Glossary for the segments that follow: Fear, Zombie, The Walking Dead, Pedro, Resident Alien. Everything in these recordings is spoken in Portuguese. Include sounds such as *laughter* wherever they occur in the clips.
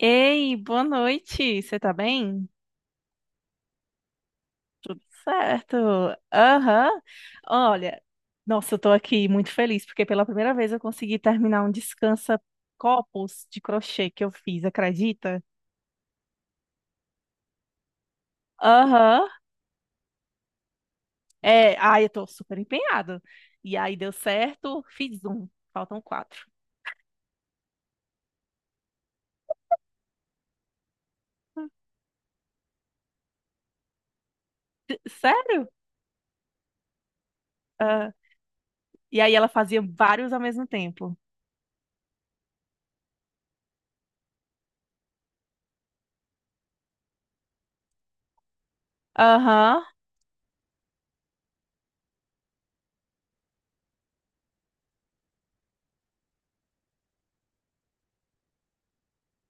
Ei, boa noite. Você tá bem? Certo. Aham. Olha, nossa, eu tô aqui muito feliz porque pela primeira vez eu consegui terminar um descansa copos de crochê que eu fiz, acredita? Aham. É, ai, eu tô super empenhado. E aí deu certo, fiz um. Faltam quatro. Hum. Sério? Ah, e aí ela fazia vários ao mesmo tempo. Aham,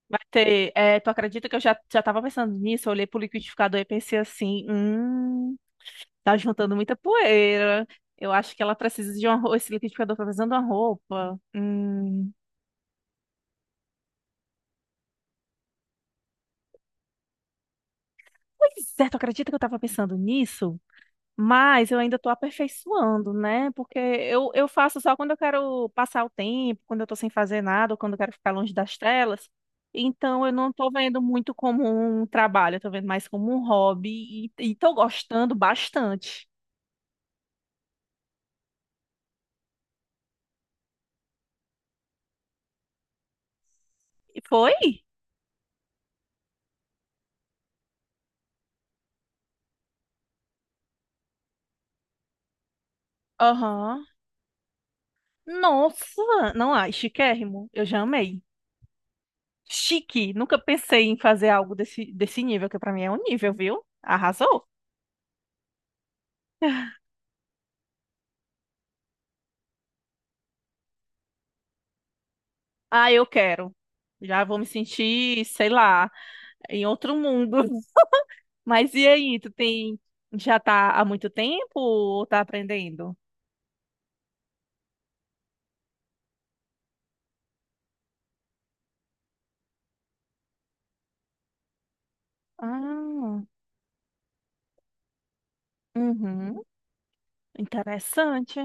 vai ter. É, tu acredita que eu já, já tava pensando nisso? Eu olhei pro liquidificador e pensei assim. Tá juntando muita poeira. Eu acho que ela precisa de uma roupa. Esse liquidificador tá precisando de uma roupa. Hum. Pois é, tu acredita que eu tava pensando nisso? Mas eu ainda tô aperfeiçoando, né? Porque eu faço só quando eu quero passar o tempo, quando eu tô sem fazer nada, ou quando eu quero ficar longe das telas. Então eu não tô vendo muito como um trabalho, eu tô vendo mais como um hobby e, tô gostando bastante. E foi? Aham. Nossa, não, ai, chiquérrimo. Eu já amei. Chique. Nunca pensei em fazer algo desse nível, que pra mim é um nível, viu? Arrasou. *laughs* Ah, eu quero. Já vou me sentir, sei lá, em outro mundo. *laughs* Mas e aí, tu tem já tá há muito tempo ou tá aprendendo? Ah, uhum, interessante.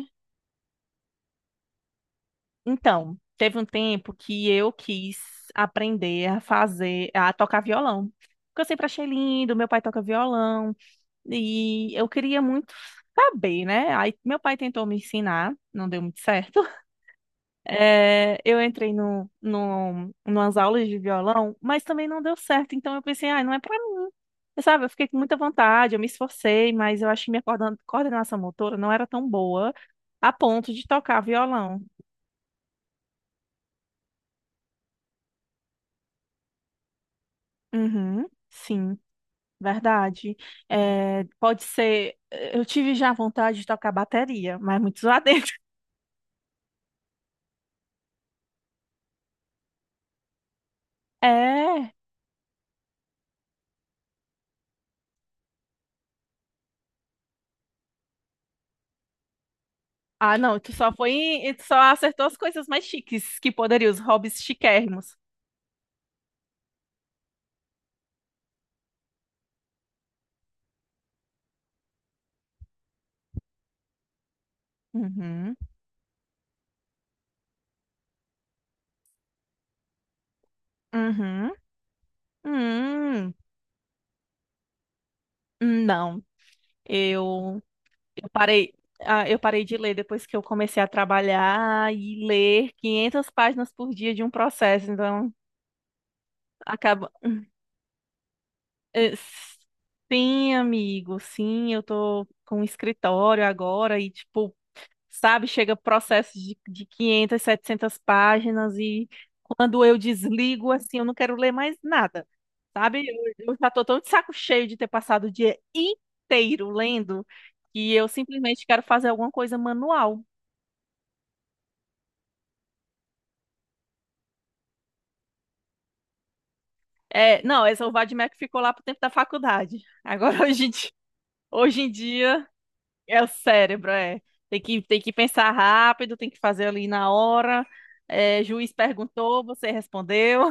Então, teve um tempo que eu quis aprender a fazer, a tocar violão. Porque eu sempre achei lindo, meu pai toca violão. E eu queria muito saber, né? Aí meu pai tentou me ensinar, não deu muito certo. *laughs* É, eu entrei no, no, numas aulas de violão, mas também não deu certo. Então eu pensei, ah, não é pra mim. Eu, sabe, eu fiquei com muita vontade, eu me esforcei, mas eu acho que minha coordenação motora não era tão boa a ponto de tocar violão. Uhum, sim, verdade. É, pode ser. Eu tive já vontade de tocar bateria, mas muito zoadento. *laughs* É. Ah, não, tu só acertou as coisas mais chiques que poderiam, os hobbies chiquérrimos. Uhum, uhum, hum, não, eu, eu parei, eu parei de ler depois que eu comecei a trabalhar e ler 500 páginas por dia de um processo, então acaba. Eh, sim, amigo, sim, eu tô com um escritório agora e, tipo, sabe? Chega processos de 500, 700 páginas e quando eu desligo, assim, eu não quero ler mais nada, sabe? Eu, já tô tão de saco cheio de ter passado o dia inteiro lendo que eu simplesmente quero fazer alguma coisa manual. É, não, essa Vadimek ficou lá pro tempo da faculdade. Agora, *laughs* hoje em dia é o cérebro, é. Tem que pensar rápido, tem que fazer ali na hora. É, juiz perguntou, você respondeu.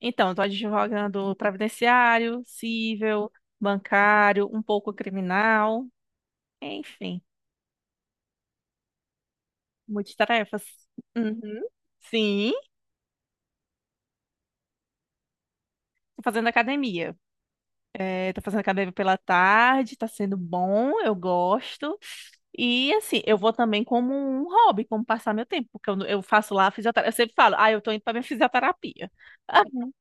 Então, estou advogando previdenciário, civil, bancário, um pouco criminal, enfim, multitarefas. Uhum. Sim, tô fazendo academia. É, tô fazendo academia pela tarde, tá sendo bom, eu gosto. E assim, eu vou também como um hobby, como passar meu tempo, porque eu faço lá fisioterapia. Eu sempre falo, ah, eu tô indo pra minha fisioterapia. *laughs*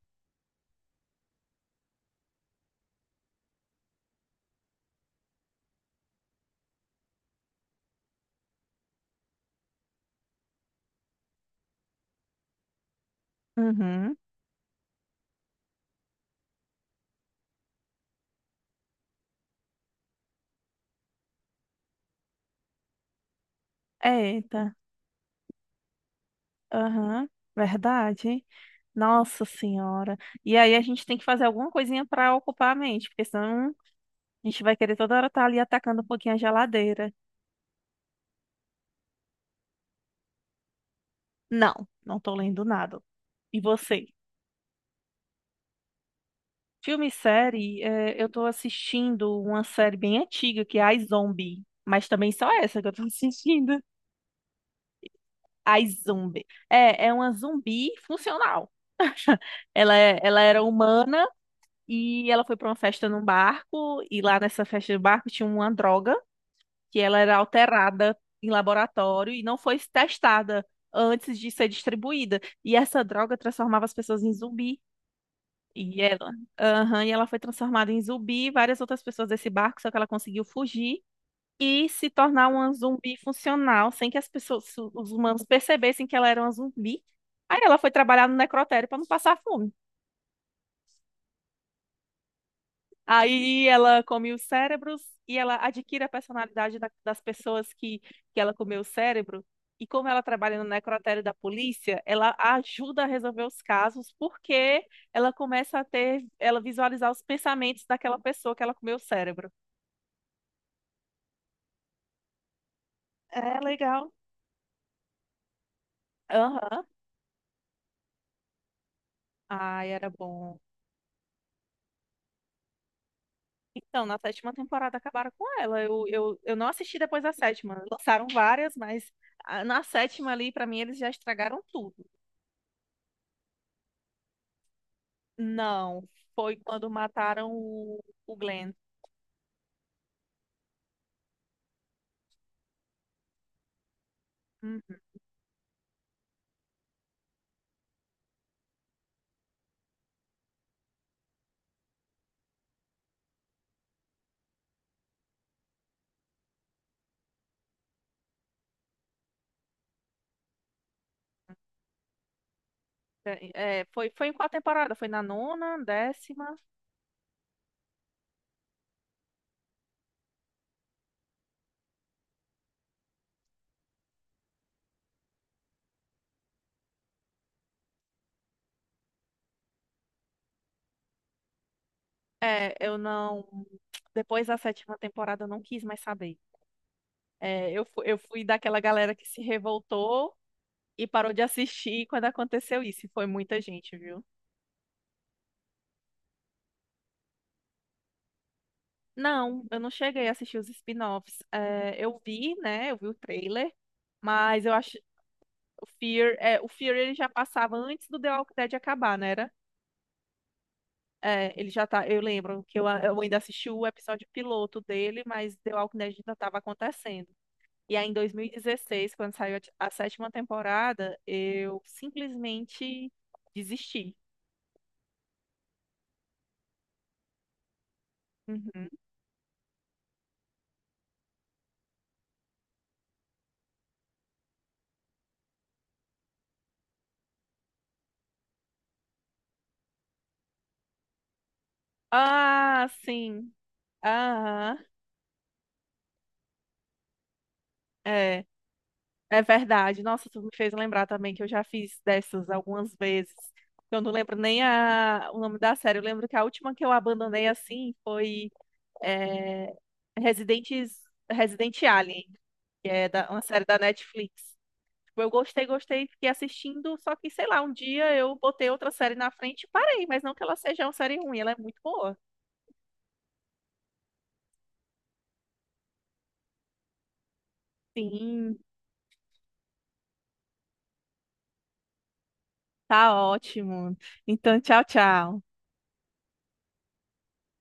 Uhum. Uhum. Eita, aham, verdade. Nossa senhora. E aí a gente tem que fazer alguma coisinha para ocupar a mente, porque senão a gente vai querer toda hora estar ali atacando um pouquinho a geladeira. Não, não tô lendo nada. E você? Filme e série, eh, eu tô assistindo uma série bem antiga que é a Zombie, mas também só essa que eu tô *laughs* assistindo. A Zombie. É, é uma zumbi funcional. Ela era humana e ela foi para uma festa num barco e lá nessa festa do barco tinha uma droga que ela era alterada em laboratório e não foi testada antes de ser distribuída. E essa droga transformava as pessoas em zumbi. E ela, aham, e ela foi transformada em zumbi, várias outras pessoas desse barco, só que ela conseguiu fugir e se tornar uma zumbi funcional, sem que as pessoas, os humanos percebessem que ela era uma zumbi. Aí ela foi trabalhar no necrotério para não passar fome. Aí ela come os cérebros e ela adquire a personalidade das pessoas que ela comeu o cérebro. E como ela trabalha no necrotério da polícia, ela ajuda a resolver os casos porque ela começa a ter, ela visualizar os pensamentos daquela pessoa que ela comeu o cérebro. É legal. Aham. Ai, era bom. Então, na sétima temporada acabaram com ela. Eu não assisti depois da sétima. Lançaram várias, mas ah, na sétima ali, pra mim, eles já estragaram tudo. Não, foi quando mataram o Glenn. Uhum. É, foi em qual temporada? Foi na nona, décima? É, eu não. Depois da sétima temporada eu não quis mais saber. É, eu fui daquela galera que se revoltou e parou de assistir quando aconteceu isso. E foi muita gente, viu? Não, eu não cheguei a assistir os spin-offs. É, eu vi, né? Eu vi o trailer, mas eu acho o Fear, é, o Fear ele já passava antes do The Walking Dead acabar, né? Era? É, ele já tá. Eu lembro que eu ainda assisti o episódio piloto dele, mas The Walking Dead ainda estava acontecendo. E aí, em 2016, quando saiu a sétima temporada, eu simplesmente desisti. Uhum. Ah, sim. Aham. É, é verdade. Nossa, tu me fez lembrar também que eu já fiz dessas algumas vezes. Eu não lembro nem o nome da série. Eu lembro que a última que eu abandonei assim foi é, Residentes, Resident Alien. Que é uma série da Netflix. Tipo, eu gostei, gostei, fiquei assistindo, só que, sei lá, um dia eu botei outra série na frente e parei, mas não que ela seja uma série ruim, ela é muito boa. Sim, tá ótimo. Então, tchau, tchau.